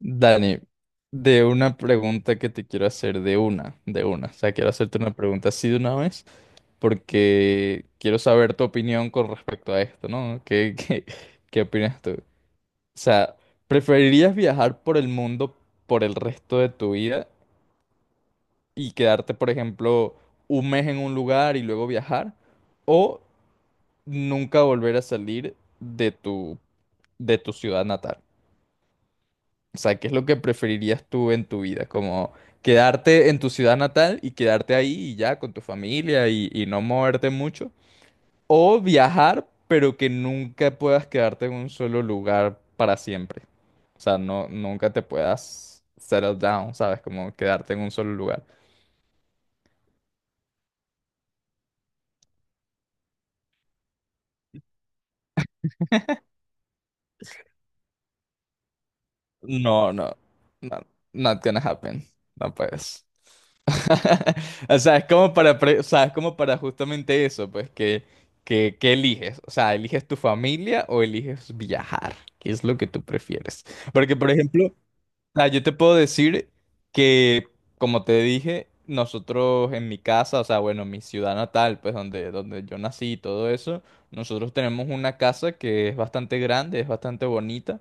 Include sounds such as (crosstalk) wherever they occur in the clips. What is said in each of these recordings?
Dani, de una pregunta que te quiero hacer, de una, de una. O sea, quiero hacerte una pregunta así de una vez, porque quiero saber tu opinión con respecto a esto, ¿no? ¿Qué, (laughs) qué, ¿Qué opinas tú? O sea, ¿preferirías viajar por el mundo por el resto de tu vida y quedarte, por ejemplo, un mes en un lugar y luego viajar? ¿O nunca volver a salir de tu ciudad natal? O sea, ¿qué es lo que preferirías tú en tu vida? Como quedarte en tu ciudad natal y quedarte ahí y ya con tu familia y no moverte mucho. O viajar, pero que nunca puedas quedarte en un solo lugar para siempre. O sea, no, nunca te puedas settle down, ¿sabes? Como quedarte en un solo lugar. No, no, no, not gonna happen. No puedes. (laughs) O sea, es como o sea, es como para justamente eso, pues, que eliges. O sea, ¿eliges tu familia o eliges viajar? ¿Qué es lo que tú prefieres? Porque, por ejemplo, ah, yo te puedo decir que, como te dije, nosotros en mi casa, o sea, bueno, mi ciudad natal, pues donde yo nací y todo eso, nosotros tenemos una casa que es bastante grande, es bastante bonita,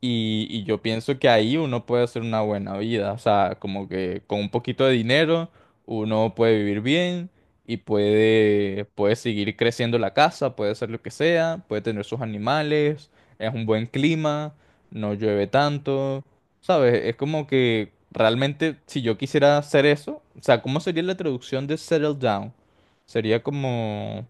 y yo pienso que ahí uno puede hacer una buena vida, o sea, como que con un poquito de dinero uno puede vivir bien y puede seguir creciendo la casa, puede hacer lo que sea, puede tener sus animales, es un buen clima, no llueve tanto. ¿Sabes? Es como que realmente si yo quisiera hacer eso, o sea, ¿cómo sería la traducción de settle down? Sería como...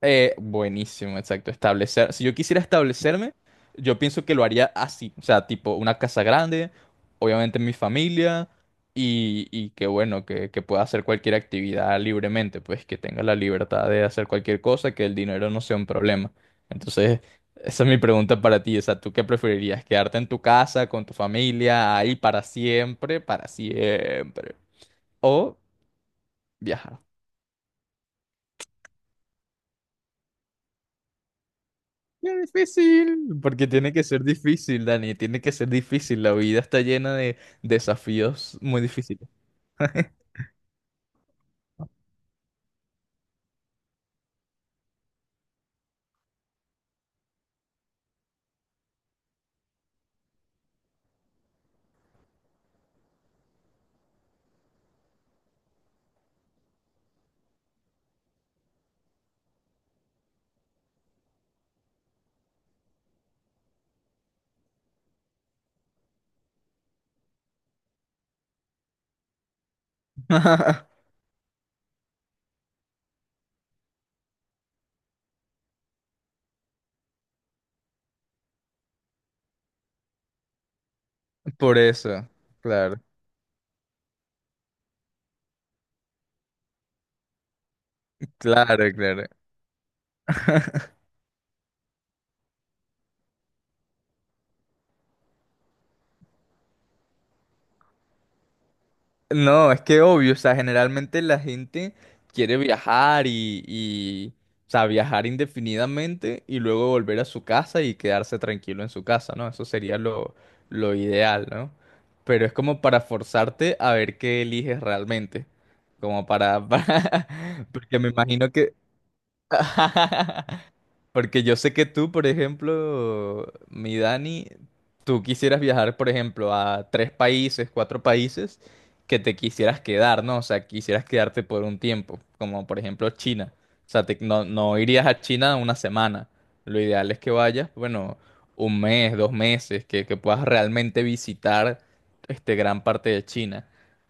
Buenísimo, exacto. Establecer. Si yo quisiera establecerme, yo pienso que lo haría así. O sea, tipo una casa grande, obviamente mi familia, y que bueno, que pueda hacer cualquier actividad libremente, pues que tenga la libertad de hacer cualquier cosa, que el dinero no sea un problema. Entonces, esa es mi pregunta para ti. O sea, ¿tú qué preferirías? ¿Quedarte en tu casa, con tu familia, ahí para siempre, para siempre? ¿O viajar? Es difícil, porque tiene que ser difícil, Dani, tiene que ser difícil. La vida está llena de desafíos muy difíciles. (laughs) Por eso, claro, claro, claro. (laughs) No, es que obvio, o sea, generalmente la gente quiere viajar o sea, viajar indefinidamente y luego volver a su casa y quedarse tranquilo en su casa, ¿no? Eso sería lo ideal, ¿no? Pero es como para forzarte a ver qué eliges realmente, como para, (laughs) para- porque me imagino que... (laughs) Porque yo sé que tú, por ejemplo, mi Dani, tú quisieras viajar, por ejemplo, a tres países, cuatro países, que te quisieras quedar, ¿no? O sea, quisieras quedarte por un tiempo, como por ejemplo China. O sea, no irías a China una semana. Lo ideal es que vayas, bueno, un mes, dos meses, que puedas realmente visitar este gran parte de China.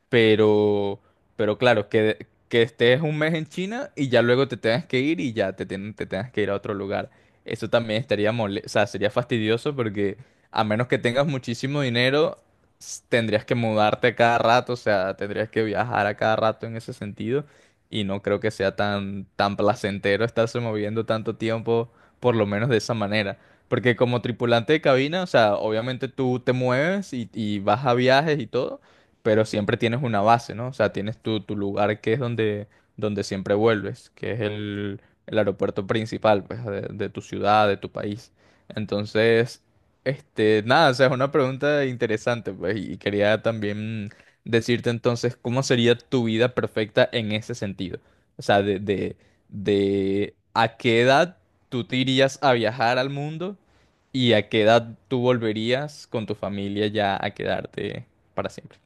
Pero pero claro, que estés un mes en China y ya luego te tengas que ir y ya te tengas que ir a otro lugar. Eso también estaría mole, o sea, sería fastidioso porque a menos que tengas muchísimo dinero, tendrías que mudarte a cada rato, o sea, tendrías que viajar a cada rato en ese sentido. Y no creo que sea tan placentero estarse moviendo tanto tiempo, por lo menos de esa manera. Porque como tripulante de cabina, o sea, obviamente tú te mueves y vas a viajes y todo, pero siempre tienes una base, ¿no? O sea, tienes tu lugar que es donde, donde siempre vuelves, que es el aeropuerto principal, pues, de tu ciudad, de tu país. Entonces, este, nada, o sea, es una pregunta interesante, pues, y quería también decirte entonces, ¿cómo sería tu vida perfecta en ese sentido? O sea, de a qué edad tú te irías a viajar al mundo y a qué edad tú volverías con tu familia ya a quedarte para siempre.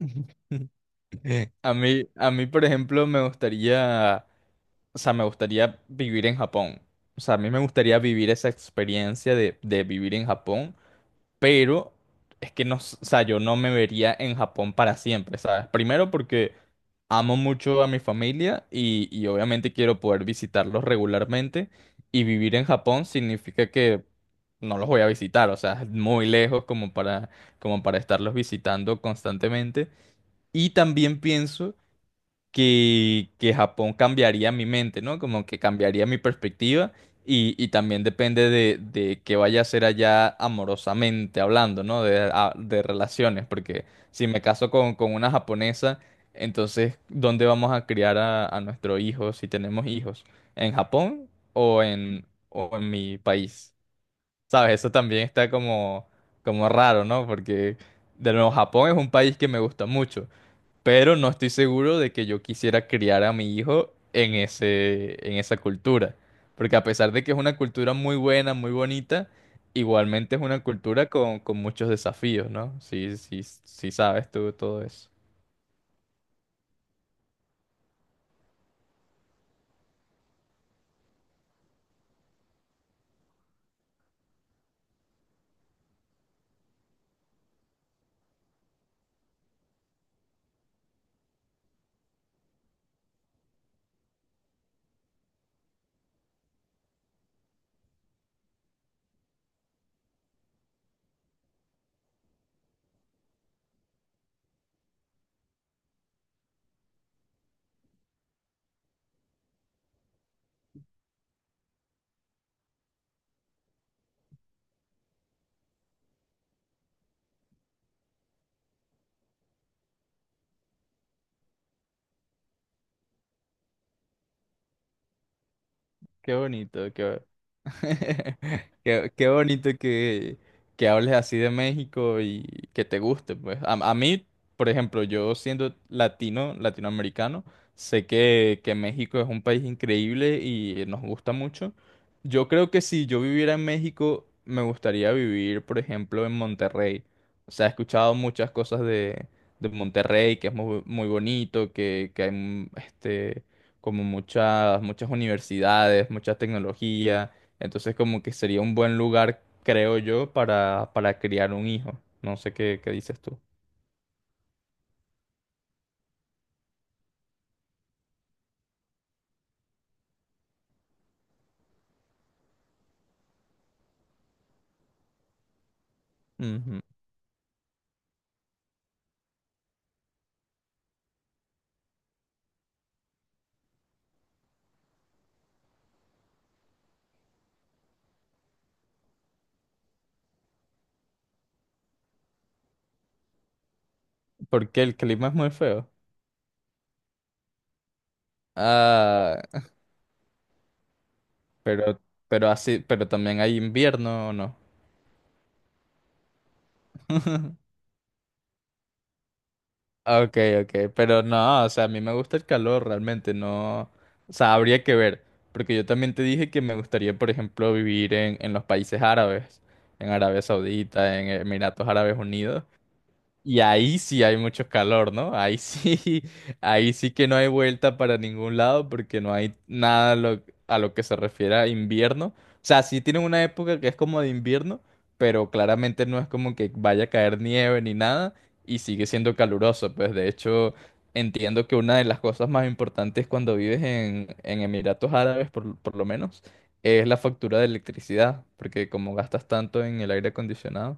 (laughs) A mí, por ejemplo, me gustaría, o sea, me gustaría vivir en Japón. O sea, a mí me gustaría vivir esa experiencia de vivir en Japón, pero es que no, o sea, yo no me vería en Japón para siempre, ¿sabes? Primero porque amo mucho a mi familia y obviamente quiero poder visitarlos regularmente y vivir en Japón significa que no los voy a visitar, o sea, es muy lejos como para, como para estarlos visitando constantemente. Y también pienso que Japón cambiaría mi mente, ¿no? Como que cambiaría mi perspectiva y también depende de qué vaya a ser allá amorosamente hablando, ¿no? De relaciones, porque si me caso con una japonesa, entonces, ¿dónde vamos a criar a nuestro hijo si tenemos hijos? ¿En Japón o en mi país? ¿Sabes? Eso también está como, como raro, ¿no? Porque, de nuevo, Japón es un país que me gusta mucho, pero no estoy seguro de que yo quisiera criar a mi hijo en en esa cultura. Porque a pesar de que es una cultura muy buena, muy bonita, igualmente es una cultura con muchos desafíos, ¿no? Sí, sí, sí sabes tú todo eso. Qué bonito, qué... (laughs) qué bonito que hables así de México y que te guste, pues. A mí, por ejemplo, yo siendo latino, latinoamericano, sé que México es un país increíble y nos gusta mucho. Yo creo que si yo viviera en México, me gustaría vivir, por ejemplo, en Monterrey. O sea, he escuchado muchas cosas de Monterrey, que es muy, muy bonito, que hay como muchas, muchas universidades, mucha tecnología, entonces como que sería un buen lugar, creo yo, para criar un hijo. No sé qué, qué dices tú. Ujú. Porque el clima es muy feo. Ah, pero, pero así, pero también hay invierno, ¿o ¿no? Ah, ok, ok, pero no, o sea, a mí me gusta el calor realmente, no, o sea, habría que ver, porque yo también te dije que me gustaría, por ejemplo, vivir en los países árabes, en Arabia Saudita, en Emiratos Árabes Unidos. Y ahí sí hay mucho calor, ¿no? Ahí sí, (laughs) ahí sí que no hay vuelta para ningún lado porque no hay nada a a lo que se refiere a invierno. O sea, sí tienen una época que es como de invierno, pero claramente no es como que vaya a caer nieve ni nada y sigue siendo caluroso. Pues de hecho, entiendo que una de las cosas más importantes cuando vives en Emiratos Árabes, por lo menos, es la factura de electricidad, porque como gastas tanto en el aire acondicionado.